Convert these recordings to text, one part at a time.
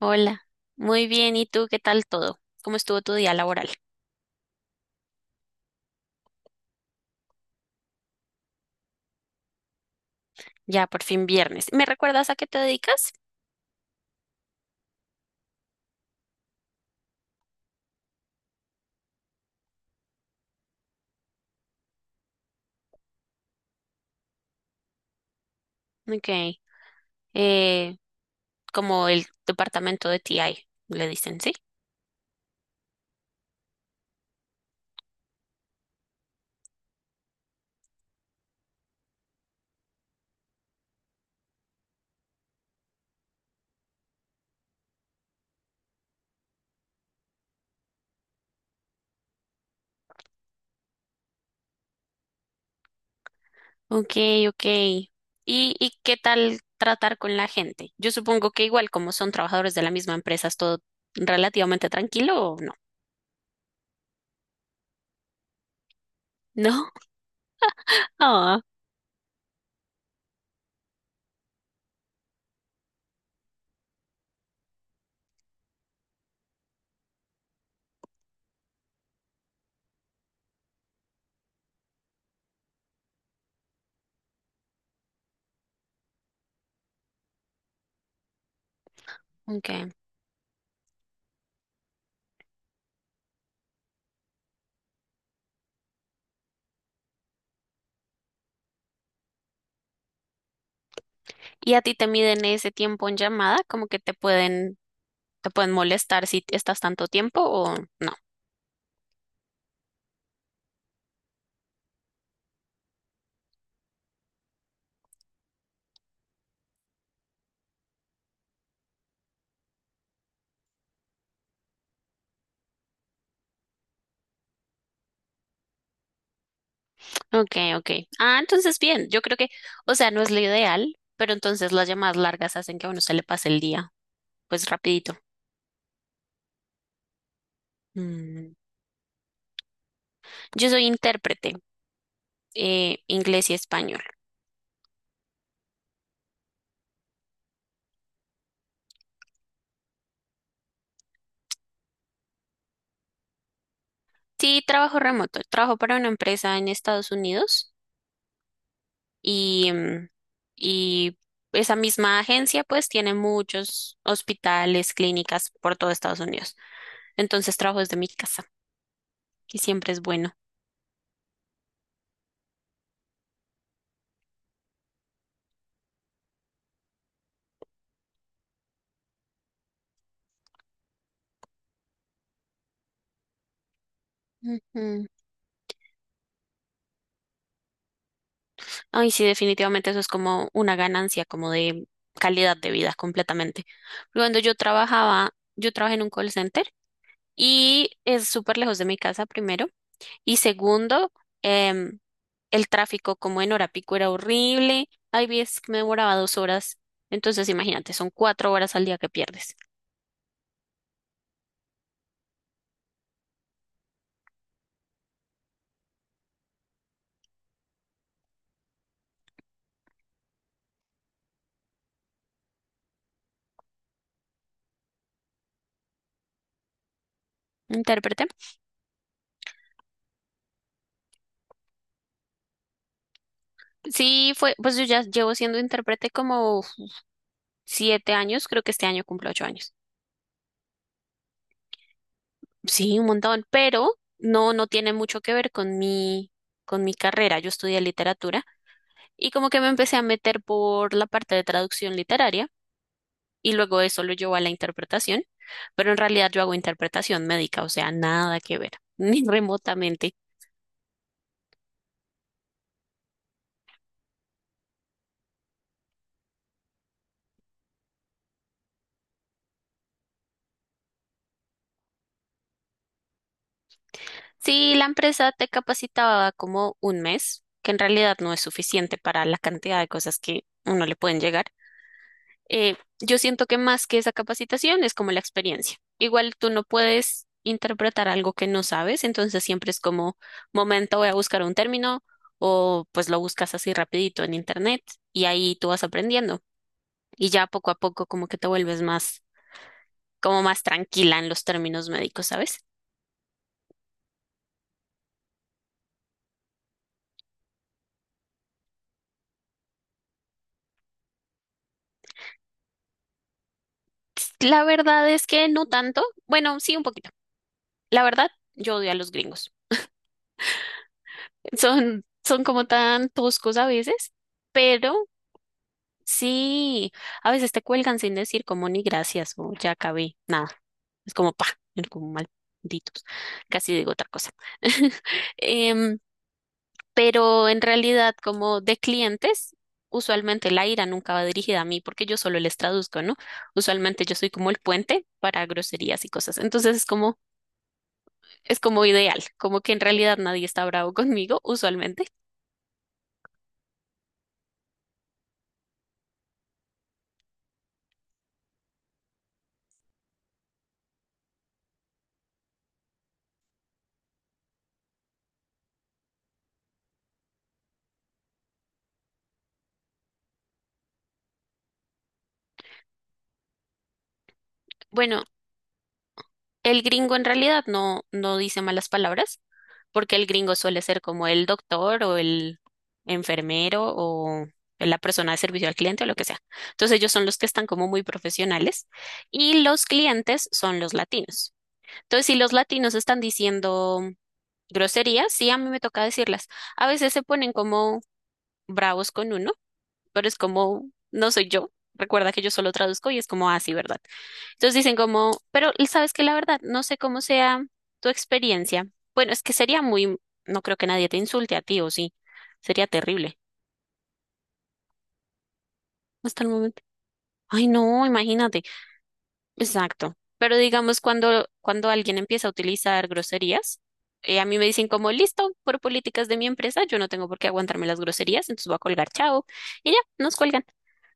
Hola, muy bien. ¿Y tú qué tal todo? ¿Cómo estuvo tu día laboral? Ya por fin viernes. ¿Me recuerdas a qué te dedicas? Ok, eh, como el departamento de TI, le dicen, ¿sí? Ok, ok. ¿ Y qué tal tratar con la gente? Yo supongo que igual como son trabajadores de la misma empresa, es todo relativamente tranquilo o no. ¿No? Ah, ok. ¿Y a ti te miden ese tiempo en llamada? ¿Como que te pueden molestar si estás tanto tiempo o no? Ok, ok. Ah, entonces bien, o sea, no es lo ideal, pero entonces las llamadas largas hacen que a uno se le pase el día, pues rapidito. Mm. Yo soy intérprete, inglés y español. Sí, trabajo remoto, trabajo para una empresa en Estados Unidos y y esa misma agencia pues tiene muchos hospitales, clínicas por todo Estados Unidos. Entonces trabajo desde mi casa y siempre es bueno. Ujú. Ay, sí, definitivamente eso es como una ganancia, como de calidad de vida completamente. Cuando yo trabajaba, yo trabajé en un call center y es súper lejos de mi casa, primero. Y segundo, em, el tráfico como en hora pico era horrible. Hay veces que me demoraba dos horas. Entonces, imagínate, son cuatro horas al día que pierdes. Intérprete. Sí, fue, pues yo ya llevo siendo intérprete como uf, siete años, creo que este año cumplo ocho años. Sí, un montón, pero no tiene mucho que ver con mi carrera. Yo estudié literatura y como que me empecé a meter por la parte de traducción literaria y luego eso lo llevó a la interpretación, pero en realidad yo hago interpretación médica, o sea, nada que ver, ni remotamente. Sí, la empresa te capacitaba como un mes, que en realidad no es suficiente para la cantidad de cosas que uno le pueden llegar. Yo siento que más que esa capacitación es como la experiencia. Igual tú no puedes interpretar algo que no sabes, entonces siempre es como, momento, voy a buscar un término o pues lo buscas así rapidito en internet y ahí tú vas aprendiendo y ya poco a poco como que te vuelves más, como más tranquila en los términos médicos, ¿sabes? La verdad es que no tanto, bueno, sí un poquito. La verdad, yo odio a los gringos. Son como tan toscos a veces, pero sí, a veces te cuelgan sin decir como ni gracias o ya acabé, nada. Es como pa, es como malditos. Casi digo otra cosa. Em, pero en realidad, como de clientes, usualmente la ira nunca va dirigida a mí porque yo solo les traduzco, ¿no? Usualmente yo soy como el puente para groserías y cosas. Es como ideal, como que en realidad nadie está bravo conmigo, usualmente. Bueno, el gringo en realidad no dice malas palabras. Porque el gringo suele ser como el doctor o el enfermero o la persona de servicio al cliente o lo que sea. Entonces ellos son los que están como muy profesionales y los clientes son los latinos. Entonces si los latinos están diciendo groserías, sí, a mí me toca decirlas. A veces se ponen como bravos con uno, pero es como, no soy yo. Recuerda que yo solo traduzco y es como así, ¿verdad? Entonces dicen como, pero sabes que la verdad, no sé cómo sea tu experiencia. Bueno, es que sería muy, no creo que nadie te insulte a ti, o sí, sería terrible hasta el momento. Ay, no, imagínate. Exacto. Pero digamos, cuando alguien empieza a utilizar groserías, a mí me dicen como, listo, por políticas de mi empresa, yo no tengo por qué aguantarme las groserías, entonces voy a colgar, chao. Y ya, nos cuelgan.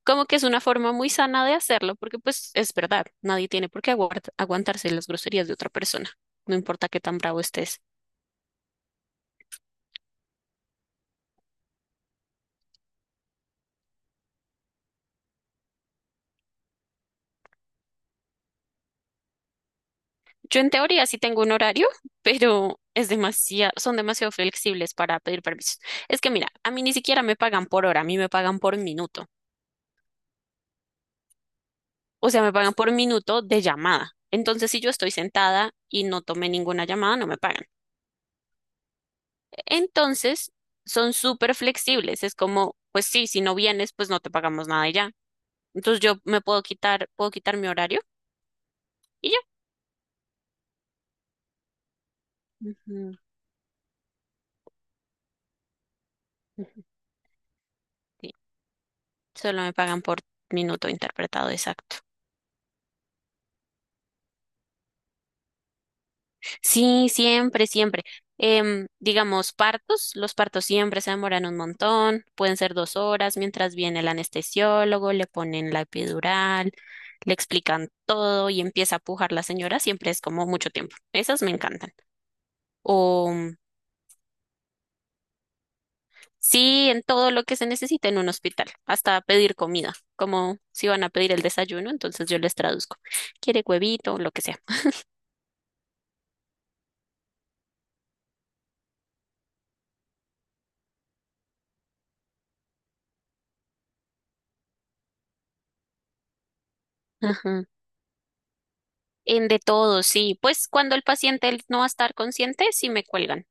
Como que es una forma muy sana de hacerlo, porque pues es verdad, nadie tiene por qué aguantarse las groserías de otra persona, no importa qué tan bravo estés. Yo en teoría sí tengo un horario, pero es demasiado, son demasiado flexibles para pedir permisos. Es que mira, a mí ni siquiera me pagan por hora, a mí me pagan por minuto. O sea, me pagan por minuto de llamada. Entonces, si yo estoy sentada y no tomé ninguna llamada, no me pagan. Entonces, son súper flexibles. Es como, pues sí, si no vienes, pues no te pagamos nada y ya. Entonces, yo me puedo quitar mi horario y ya. Ujú, ujú, sí. Solo me pagan por minuto interpretado exacto. Sí, siempre, siempre. Digamos, partos, los partos siempre se demoran un montón, pueden ser dos horas mientras viene el anestesiólogo, le ponen la epidural, le explican todo y empieza a pujar la señora, siempre es como mucho tiempo. Esas me encantan. O mm, sí, en todo lo que se necesita en un hospital, hasta pedir comida, como si van a pedir el desayuno, entonces yo les traduzco. ¿Quiere huevito? Lo que sea. Ajá. En de todo, sí. Pues cuando el paciente no va a estar consciente, sí me cuelgan.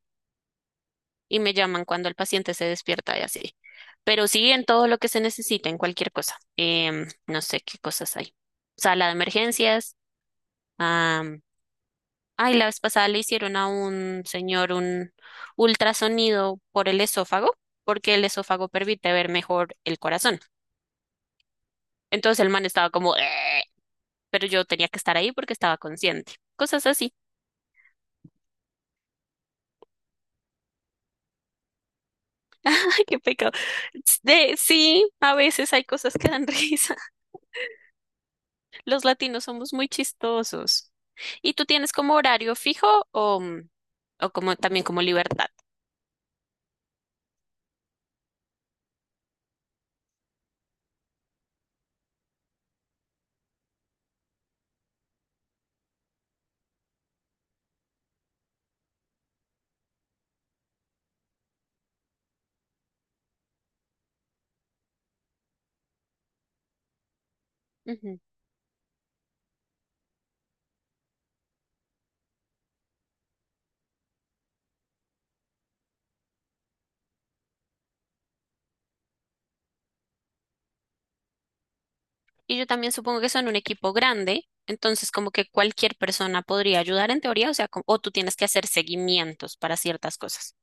Y me llaman cuando el paciente se despierta y así. Pero sí en todo lo que se necesite, en cualquier cosa. No sé qué cosas hay. Sala de emergencias. am, Ay, la vez pasada le hicieron a un señor un ultrasonido por el esófago, porque el esófago permite ver mejor el corazón. Entonces el man estaba como, pero yo tenía que estar ahí porque estaba consciente. Cosas así. Ay, qué pecado. De, sí, a veces hay cosas que dan risa. Los latinos somos muy chistosos. ¿Y tú tienes como horario fijo o como también como libertad? Ujú. Y yo también supongo que son un equipo grande, entonces como que cualquier persona podría ayudar en teoría, o sea, o tú tienes que hacer seguimientos para ciertas cosas.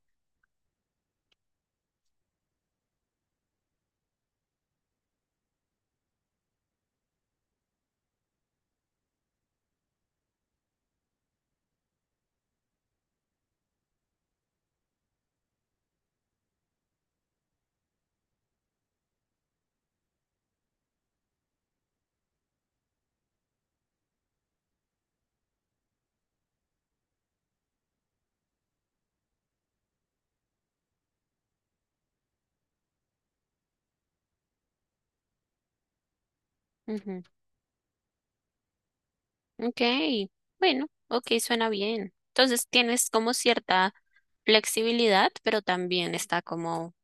Ujú. Ok, bueno, ok, suena bien. Entonces tienes como cierta flexibilidad, pero también está como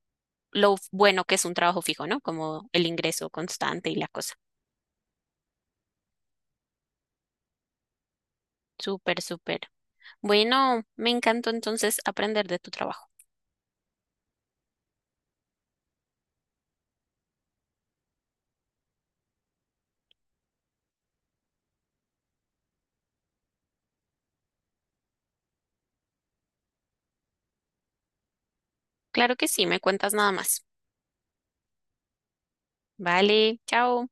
bueno que es un trabajo fijo, ¿no? Como el ingreso constante y la cosa. Súper, súper. Bueno, me encantó entonces aprender de tu trabajo. Claro que sí, me cuentas nada más. Vale, chao.